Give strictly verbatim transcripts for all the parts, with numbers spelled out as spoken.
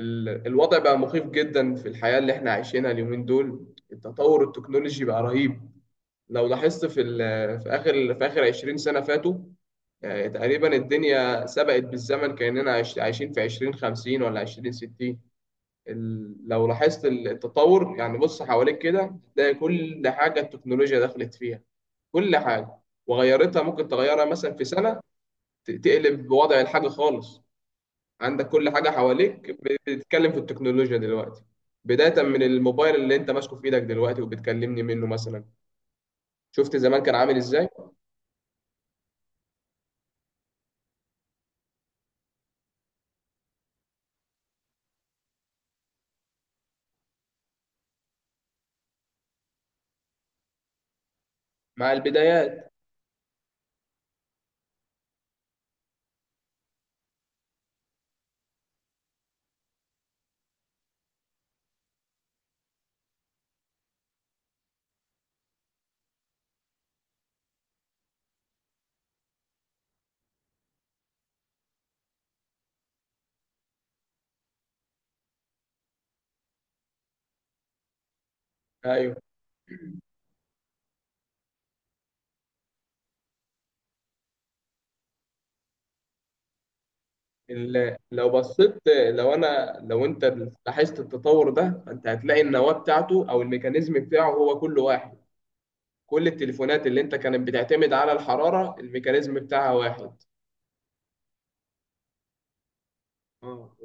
ال- الوضع بقى مخيف جدا في الحياة اللي احنا عايشينها اليومين دول. التطور التكنولوجي بقى رهيب. لو لاحظت في ال- في آخر في آخر عشرين سنة فاتوا. آه، تقريبا الدنيا سبقت بالزمن كأننا عايش- عايشين في عشرين خمسين ولا عشرين ستين. ال- لو لاحظت ال- التطور، يعني بص حواليك كده تلاقي كل حاجة التكنولوجيا دخلت فيها، كل حاجة. وغيرتها ممكن تغيرها مثلا في سنة. ت- تقلب وضع الحاجة خالص. عندك كل حاجة حواليك بتتكلم في التكنولوجيا دلوقتي. بداية من الموبايل اللي انت ماسكه في ايدك دلوقتي وبتكلمني منه مثلا. شفت زمان كان عامل ازاي؟ مع البدايات. ايوه. ال- لو بصيت لو انا لو انت لاحظت التطور ده، انت هتلاقي النواة بتاعته او الميكانيزم بتاعه هو كل واحد. كل التليفونات اللي انت كانت بتعتمد على الحرارة الميكانيزم بتاعها واحد. اه.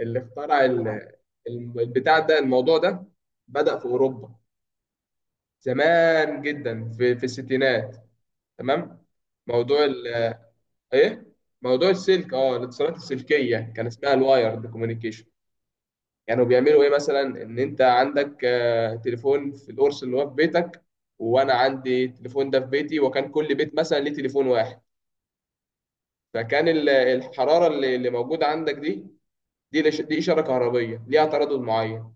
اللي اخترع ال- الم- البتاع ده، الموضوع ده بدأ في أوروبا زمان جدا، في في الستينات. تمام. موضوع ال- ايه، موضوع السلك، اه الاتصالات السلكيه كان اسمها الوايرد كوميونيكيشن. يعني بيعملوا ايه مثلا؟ ان انت عندك، آه، تليفون في القرص اللي هو في بيتك، وانا عندي التليفون ده في بيتي، وكان كل بيت مثلا ليه تليفون واحد. فكان ال- الحراره اللي اللي موجوده عندك دي، دي لش- دي اشاره كهربيه ليها تردد معين.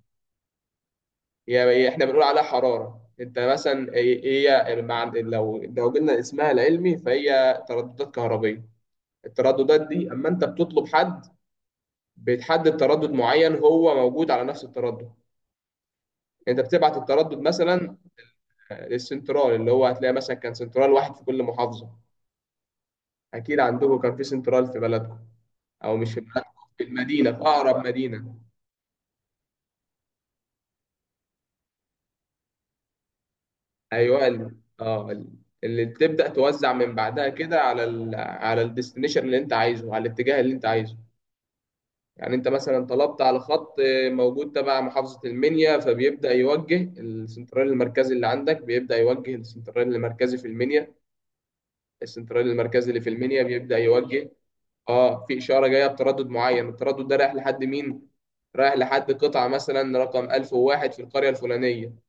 هي احنا بنقول عليها حرارة انت مثلا. هي هي مع- لو لو قلنا اسمها العلمي، فهي ترددات كهربية. الترددات دي اما انت بتطلب حد، بتحدد تردد معين هو موجود على نفس التردد، انت بتبعت التردد مثلا آه، للسنترال، اللي هو هتلاقي مثلا كان سنترال واحد في كل محافظة. اكيد عندكم كان في سنترال في بلدكم، او مش في بلدكم، في المدينة، في اقرب مدينة. ايوه ال- اه ال- اللي تبدا توزع من بعدها كده على ال- على الديستنيشن اللي انت عايزه، على الاتجاه اللي انت عايزه. يعني انت مثلا طلبت على خط آه، موجود تبع محافظه المنيا، فبيبدا يوجه السنترال المركزي اللي عندك، بيبدا يوجه السنترال المركزي في المنيا. السنترال المركزي اللي في المنيا بيبدا يوجه. اه، في اشاره جايه بتردد معين، التردد ده رايح لحد مين؟ رايح لحد قطعه مثلا رقم ألف وواحد في القريه الفلانيه.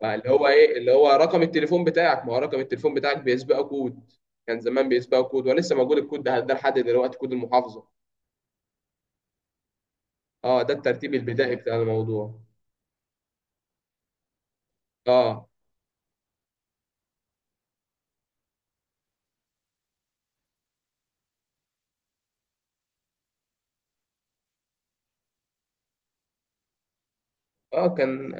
بقى اللي هو ايه؟ اللي هو رقم التليفون بتاعك. ما هو رقم التليفون بتاعك بيسبقه كود، كان زمان بيسبقه كود ولسه موجود الكود ده ده لحد دلوقتي، كود المحافظه. اه، ده الترتيب البدائي بتاع الموضوع. اه. اه، كان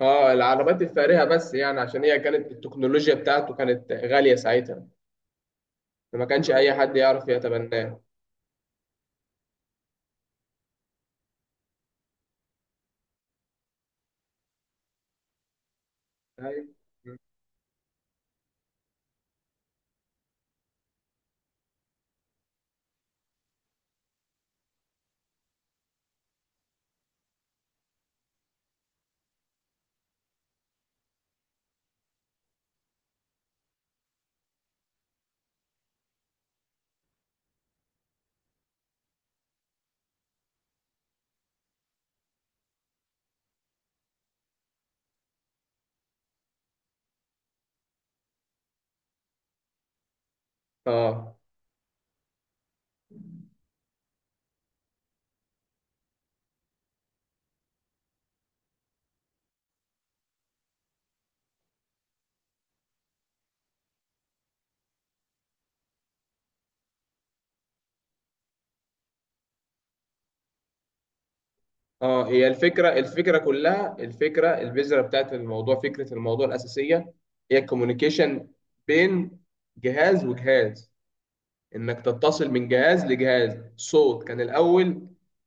اه العربات الفارهه بس، يعني عشان هي كانت التكنولوجيا بتاعته كانت غاليه ساعتها. فما كانش اي حد يعرف يتبناه. أيوة. اه. اه هي الفكره الفكره كلها الفكره البذره بتاعت الموضوع، فكره الموضوع الاساسيه، هي الكوميونيكيشن بين جهاز وجهاز. انك تتصل من جهاز لجهاز. صوت كان الاول،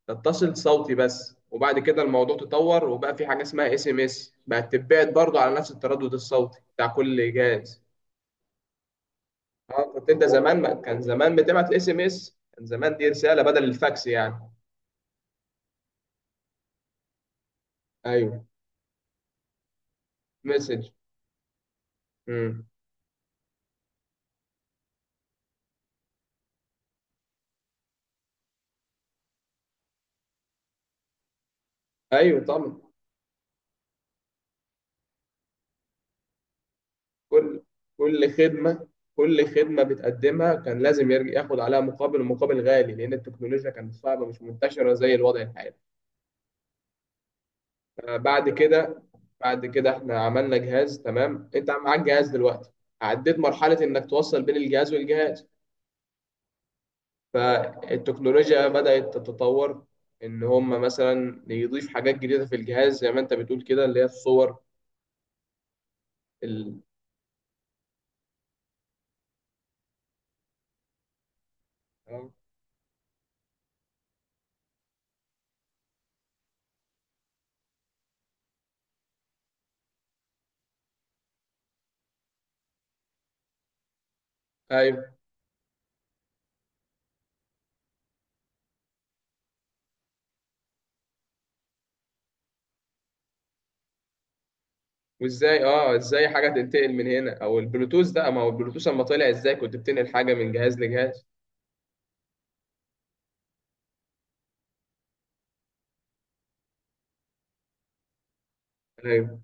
تتصل صوتي بس، وبعد كده الموضوع تطور وبقى في حاجه اسمها اس ام اس، بقت تتبعت برضه على نفس التردد الصوتي بتاع كل جهاز. اه، كنت انت زمان، ما كان زمان بتبعت الاس ام اس، كان زمان دي رساله بدل الفاكس يعني. ايوه. مسج. امم. ايوه طبعا. كل كل خدمه كل خدمه بتقدمها كان لازم يرجع ياخد عليها مقابل، ومقابل غالي، لان التكنولوجيا كانت صعبه مش منتشره زي الوضع الحالي. آه، بعد كده بعد كده احنا عملنا جهاز. تمام، انت معاك جهاز دلوقتي، عديت مرحلة انك توصل بين الجهاز والجهاز. فالتكنولوجيا بدأت تتطور، ان هم مثلا يضيف حاجات جديدة في الجهاز زي ما انت بتقول كده، اللي هي الصور. ال... آه، ايوه. وازاي، اه ازاي حاجة تنتقل من هنا، او البلوتوث ده، ما هو البلوتوث لما طلع ازاي كنت بتنقل حاجة من جهاز لجهاز؟ ايوه.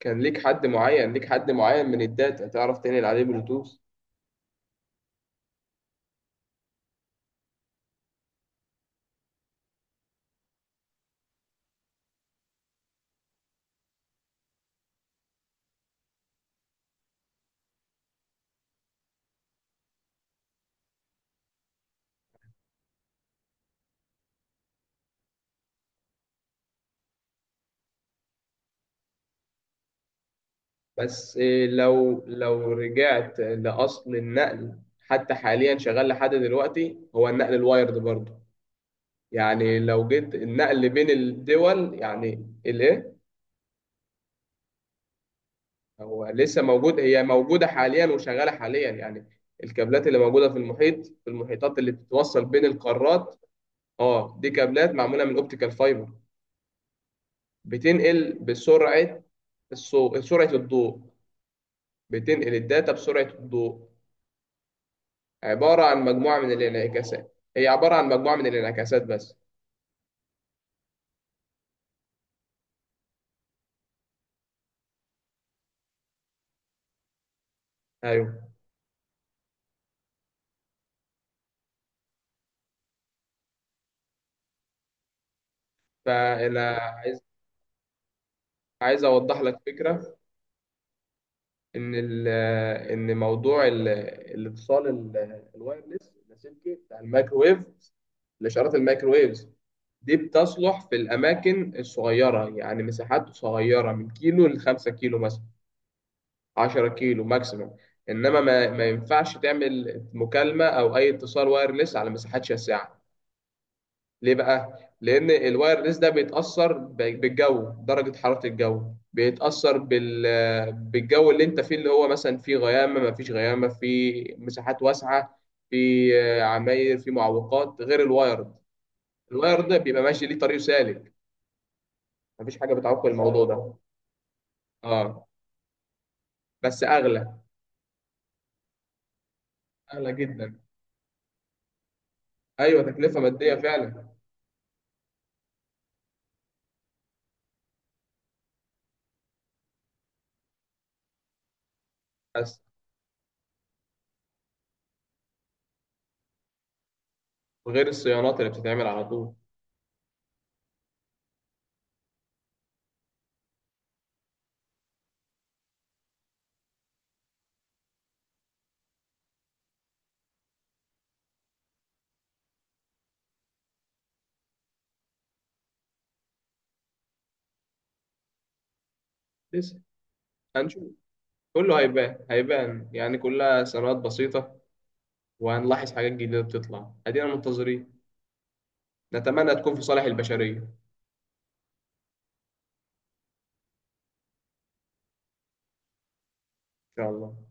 كان ليك حد معين ليك حد معين من الداتا تعرف تنقل عليه بلوتوث. بس لو لو رجعت لأصل النقل، حتى حاليا شغال لحد دلوقتي هو النقل الوايرد برضه. يعني لو جيت النقل بين الدول يعني الايه؟ هو لسه موجود، هي موجودة حاليا وشغالة حاليا يعني. الكابلات اللي موجودة في المحيط، في المحيطات اللي بتتوصل بين القارات. اه، دي كابلات معمولة من اوبتيكال فايبر، بتنقل بسرعة الصوت، سرعة الضوء، بتنقل الداتا بسرعة الضوء. عبارة عن مجموعة من الانعكاسات، هي عبارة عن مجموعة من الانعكاسات بس. أيوه. فأنا عايز عايز أوضح لك فكرة. إن ال إن موضوع ال- الاتصال ال- الوايرلس اللاسلكي بتاع الميكروويف، الإشارات الميكروويفز دي بتصلح في الأماكن الصغيرة، يعني مساحات صغيرة من كيلو لخمسة كيلو مثلا، عشرة كيلو ماكسيموم. إنما ما, ما ينفعش تعمل مكالمة أو أي اتصال وايرلس على مساحات شاسعة. ليه بقى؟ لأن الوايرلس ده بيتأثر ب- بالجو، درجة حرارة الجو، بيتأثر بال... بالجو اللي أنت فيه، اللي هو مثلا فيه غيامة، ما فيش غيامة، فيه مساحات واسعة، في آه، عماير، في معوقات، غير الوايرد. الوايرد ده بيبقى ماشي ليه طريق سالك، مفيش حاجة بتعوق الموضوع ده. اه. بس أغلى، أغلى جدا. أيوه تكلفة مادية فعلا. بس غير الصيانات اللي بتتعمل على طول. لسه هنشوف. كله هيبان، هيبان يعني كلها صيانات بسيطة. وهنلاحظ حاجات جديدة بتطلع، أدينا منتظرين. نتمنى تكون في صالح البشرية إن شاء الله.